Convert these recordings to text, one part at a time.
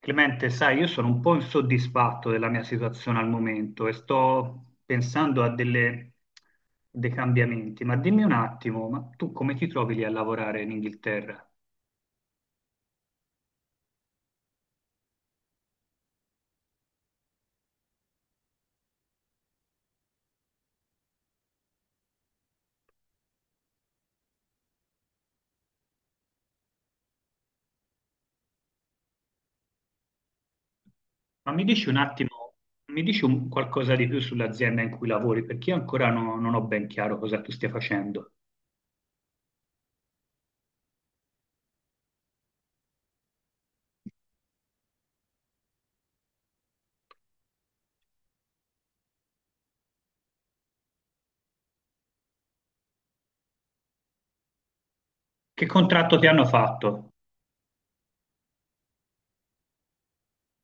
Clemente, sai, io sono un po' insoddisfatto della mia situazione al momento e sto pensando a dei cambiamenti, ma dimmi un attimo, ma tu come ti trovi lì a lavorare in Inghilterra? Ma mi dici un attimo, mi dici qualcosa di più sull'azienda in cui lavori, perché io ancora non ho ben chiaro cosa tu stia facendo. Che contratto ti hanno fatto?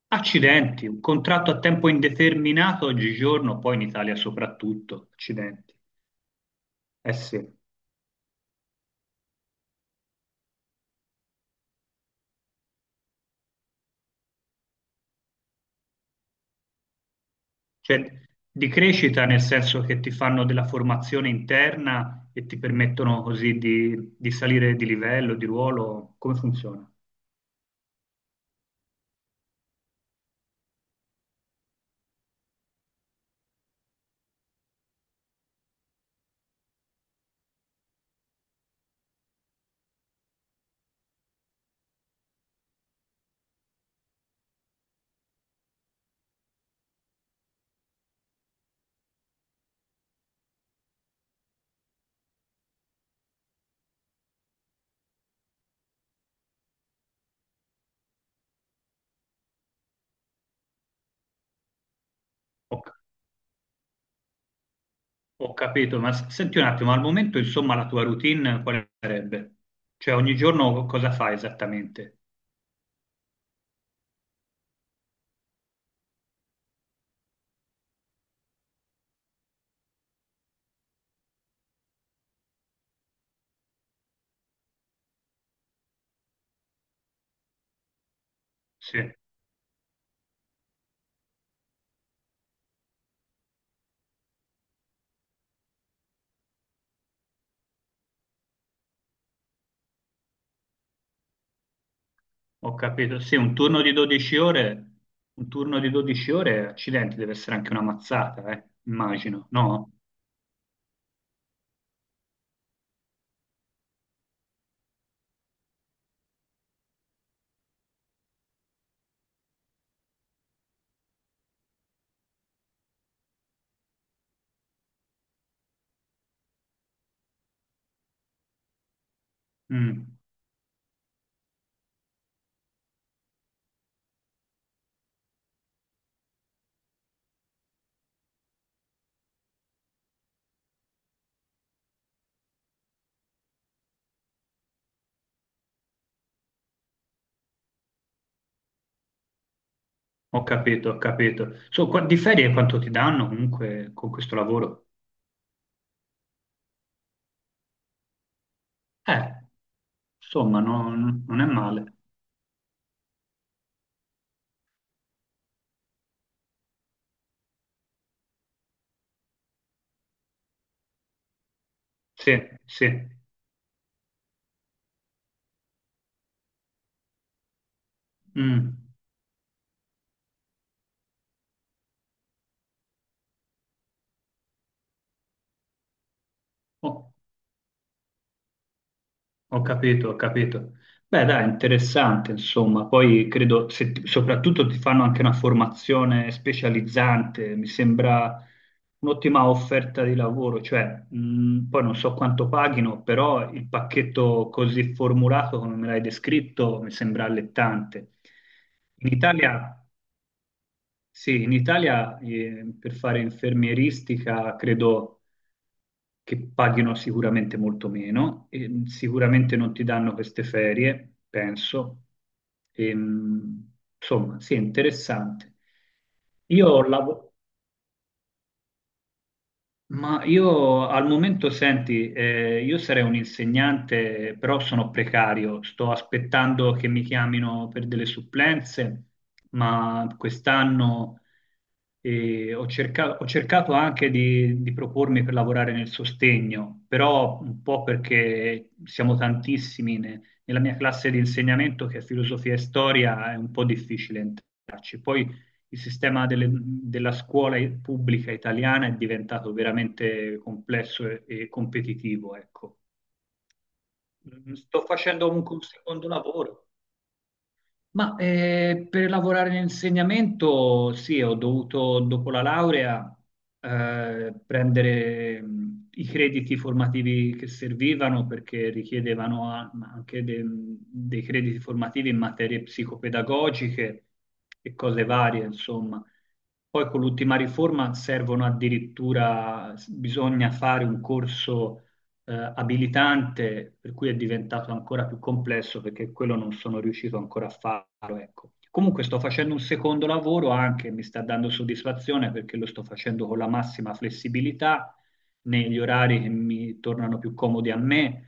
Accidenti, un contratto a tempo indeterminato oggigiorno, poi in Italia soprattutto, accidenti. Eh sì. Cioè, di crescita nel senso che ti fanno della formazione interna e ti permettono così di salire di livello, di ruolo? Come funziona? Ho, ho capito, ma senti un attimo, al momento insomma la tua routine quale sarebbe? Cioè ogni giorno cosa fai esattamente? Sì, ho capito. Sì, un turno di 12 ore, un turno di 12 ore, accidenti, deve essere anche una mazzata, immagino, no? Mm. Ho capito, ho capito. So, di ferie quanto ti danno comunque con questo lavoro? Eh, insomma, non è male. Sì, sì. Mm. Oh. Ho capito, ho capito. Beh, dai, interessante, insomma. Poi credo, se soprattutto ti fanno anche una formazione specializzante, mi sembra un'ottima offerta di lavoro, cioè, poi non so quanto paghino, però il pacchetto così formulato come me l'hai descritto mi sembra allettante. In Italia, sì, in Italia, per fare infermieristica, credo che paghino sicuramente molto meno e sicuramente non ti danno queste ferie, penso. E, insomma, sì, è interessante. Io ho lavo- ma io al momento, senti, io sarei un insegnante, però sono precario, sto aspettando che mi chiamino per delle supplenze, ma quest'anno ho cercato anche di propormi per lavorare nel sostegno, però un po' perché siamo tantissimi nella mia classe di insegnamento che è filosofia e storia, è un po' difficile entrarci. Poi il sistema della scuola pubblica italiana è diventato veramente complesso e competitivo, ecco. Mm, sto facendo comunque un secondo lavoro. Ma per lavorare in insegnamento, sì, ho dovuto dopo la laurea prendere i crediti formativi che servivano perché richiedevano ma anche dei crediti formativi in materie psicopedagogiche e cose varie, insomma. Poi con l'ultima riforma servono addirittura, bisogna fare un corso abilitante, per cui è diventato ancora più complesso perché quello non sono riuscito ancora a farlo, ecco. Comunque sto facendo un secondo lavoro anche, mi sta dando soddisfazione perché lo sto facendo con la massima flessibilità, negli orari che mi tornano più comodi a me,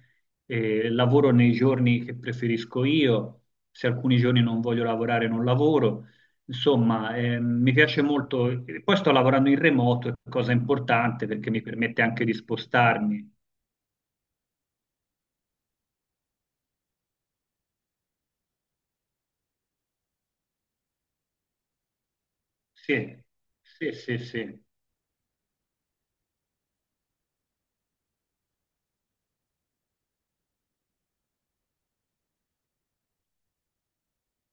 lavoro nei giorni che preferisco io, se alcuni giorni non voglio lavorare non lavoro. Insomma, mi piace molto, e poi sto lavorando in remoto, cosa importante perché mi permette anche di spostarmi. Sì, sì, sì, sì.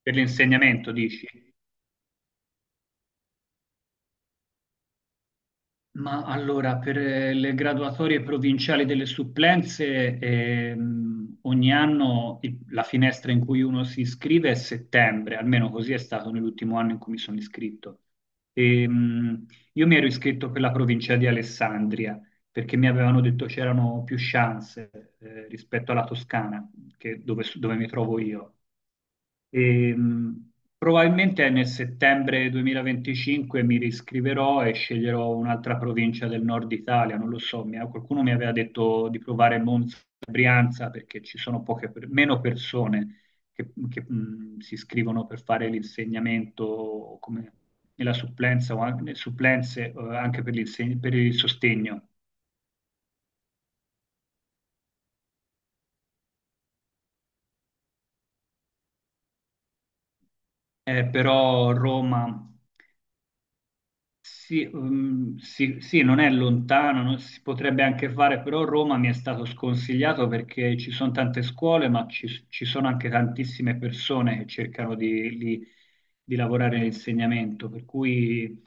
Per l'insegnamento dici? Ma allora, per le graduatorie provinciali delle supplenze, ogni anno la finestra in cui uno si iscrive è settembre, almeno così è stato nell'ultimo anno in cui mi sono iscritto. Ehm, io mi ero iscritto per la provincia di Alessandria, perché mi avevano detto c'erano più chance, rispetto alla Toscana, dove dove mi trovo io. Ehm, probabilmente nel settembre 2025 mi riscriverò e sceglierò un'altra provincia del nord Italia, non lo so, qualcuno mi aveva detto di provare Monza e Brianza perché ci sono poche, meno persone che, si iscrivono per fare l'insegnamento come nella supplenza o anche, nelle supplenze, anche per per il sostegno. Però Roma sì, sì, sì, non è lontano, si potrebbe anche fare, però Roma mi è stato sconsigliato perché ci sono tante scuole, ma ci, ci sono anche tantissime persone che cercano di lavorare nell'insegnamento, per cui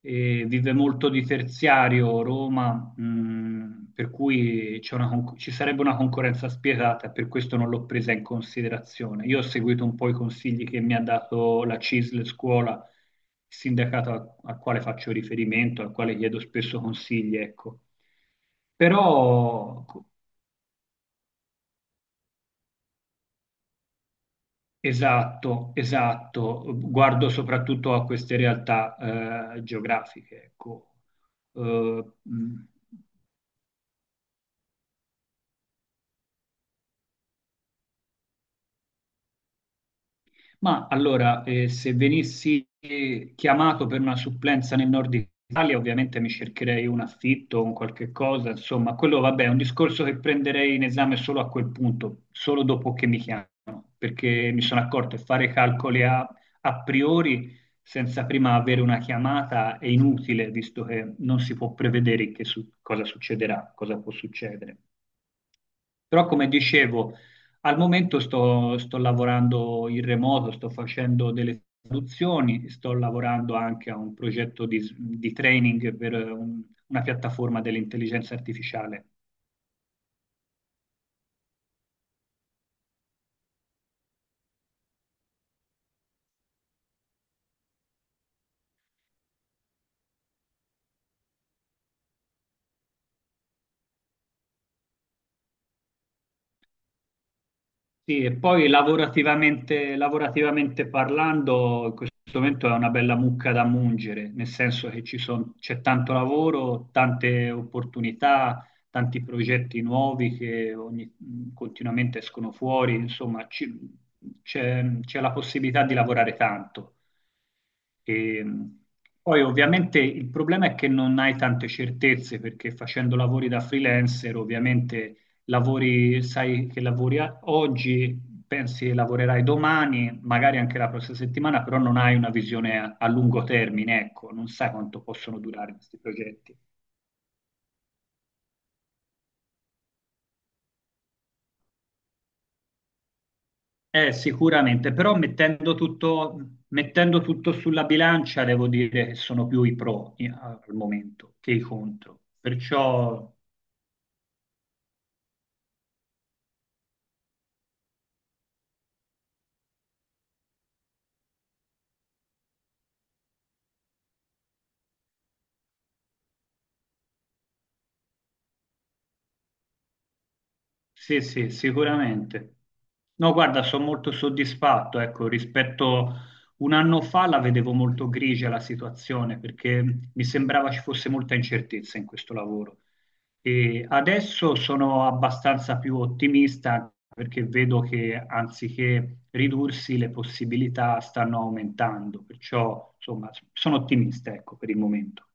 vive molto di terziario Roma, per cui c'è una ci sarebbe una concorrenza spietata, e per questo non l'ho presa in considerazione. Io ho seguito un po' i consigli che mi ha dato la CISL scuola sindacato al, al quale faccio riferimento, al quale chiedo spesso consigli, ecco. Però, co- esatto, esatto, guardo soprattutto a queste realtà geografiche, ecco. Eh, mh, ma allora, se venissi chiamato per una supplenza nel nord Italia, ovviamente mi cercherei un affitto, un qualche cosa, insomma, quello vabbè, è un discorso che prenderei in esame solo a quel punto, solo dopo che mi chiamano, perché mi sono accorto che fare calcoli a, a priori senza prima avere una chiamata è inutile, visto che non si può prevedere che cosa succederà, cosa può succedere. Però, come dicevo, al momento sto, sto lavorando in remoto, sto facendo delle traduzioni, sto lavorando anche a un progetto di, di training per una piattaforma dell'intelligenza artificiale. Sì, e poi lavorativamente, lavorativamente parlando, in questo momento è una bella mucca da mungere, nel senso che c'è tanto lavoro, tante opportunità, tanti progetti nuovi che continuamente escono fuori, insomma, c'è c'è la possibilità di lavorare tanto. E, poi ovviamente il problema è che non hai tante certezze perché facendo lavori da freelancer ovviamente lavori, sai che lavori oggi, pensi che lavorerai domani, magari anche la prossima settimana, però non hai una visione a, a lungo termine, ecco, non sai quanto possono durare questi progetti. Sicuramente, però mettendo tutto sulla bilancia, devo dire che sono più i pro al momento che i contro. Perciò sì, sì, sicuramente. No, guarda, sono molto soddisfatto, ecco, rispetto un anno fa la vedevo molto grigia la situazione perché mi sembrava ci fosse molta incertezza in questo lavoro. E adesso sono abbastanza più ottimista perché vedo che anziché ridursi le possibilità stanno aumentando, perciò insomma sono ottimista, ecco, per il momento.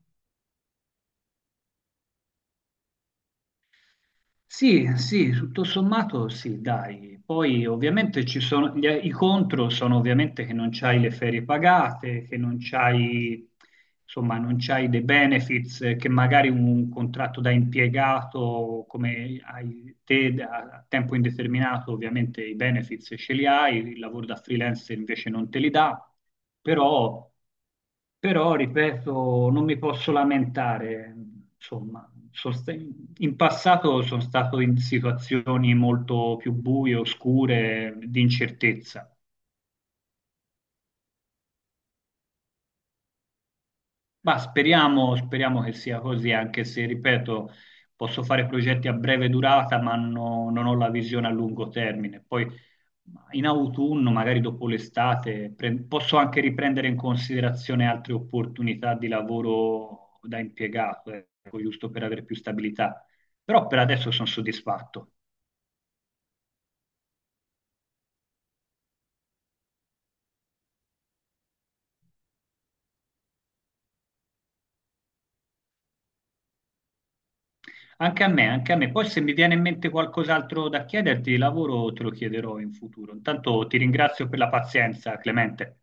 Sì, sì, tutto sommato sì, dai. Poi ovviamente ci sono, i contro sono ovviamente che non c'hai le ferie pagate, che non c'hai, insomma, non c'hai dei benefits che magari un contratto da impiegato come hai te a tempo indeterminato, ovviamente i benefits ce li hai, il lavoro da freelance invece non te li dà, però però, ripeto, non mi posso lamentare, insomma, in passato sono stato in situazioni molto più buie, oscure, di incertezza. Ma speriamo, speriamo che sia così, anche se, ripeto, posso fare progetti a breve durata, ma non ho la visione a lungo termine. Poi in autunno, magari dopo l'estate, posso anche riprendere in considerazione altre opportunità di lavoro da impiegato, ecco, giusto per avere più stabilità. Però per adesso sono soddisfatto. Anche a me, anche a me. Poi se mi viene in mente qualcos'altro da chiederti di lavoro, te lo chiederò in futuro. Intanto ti ringrazio per la pazienza, Clemente.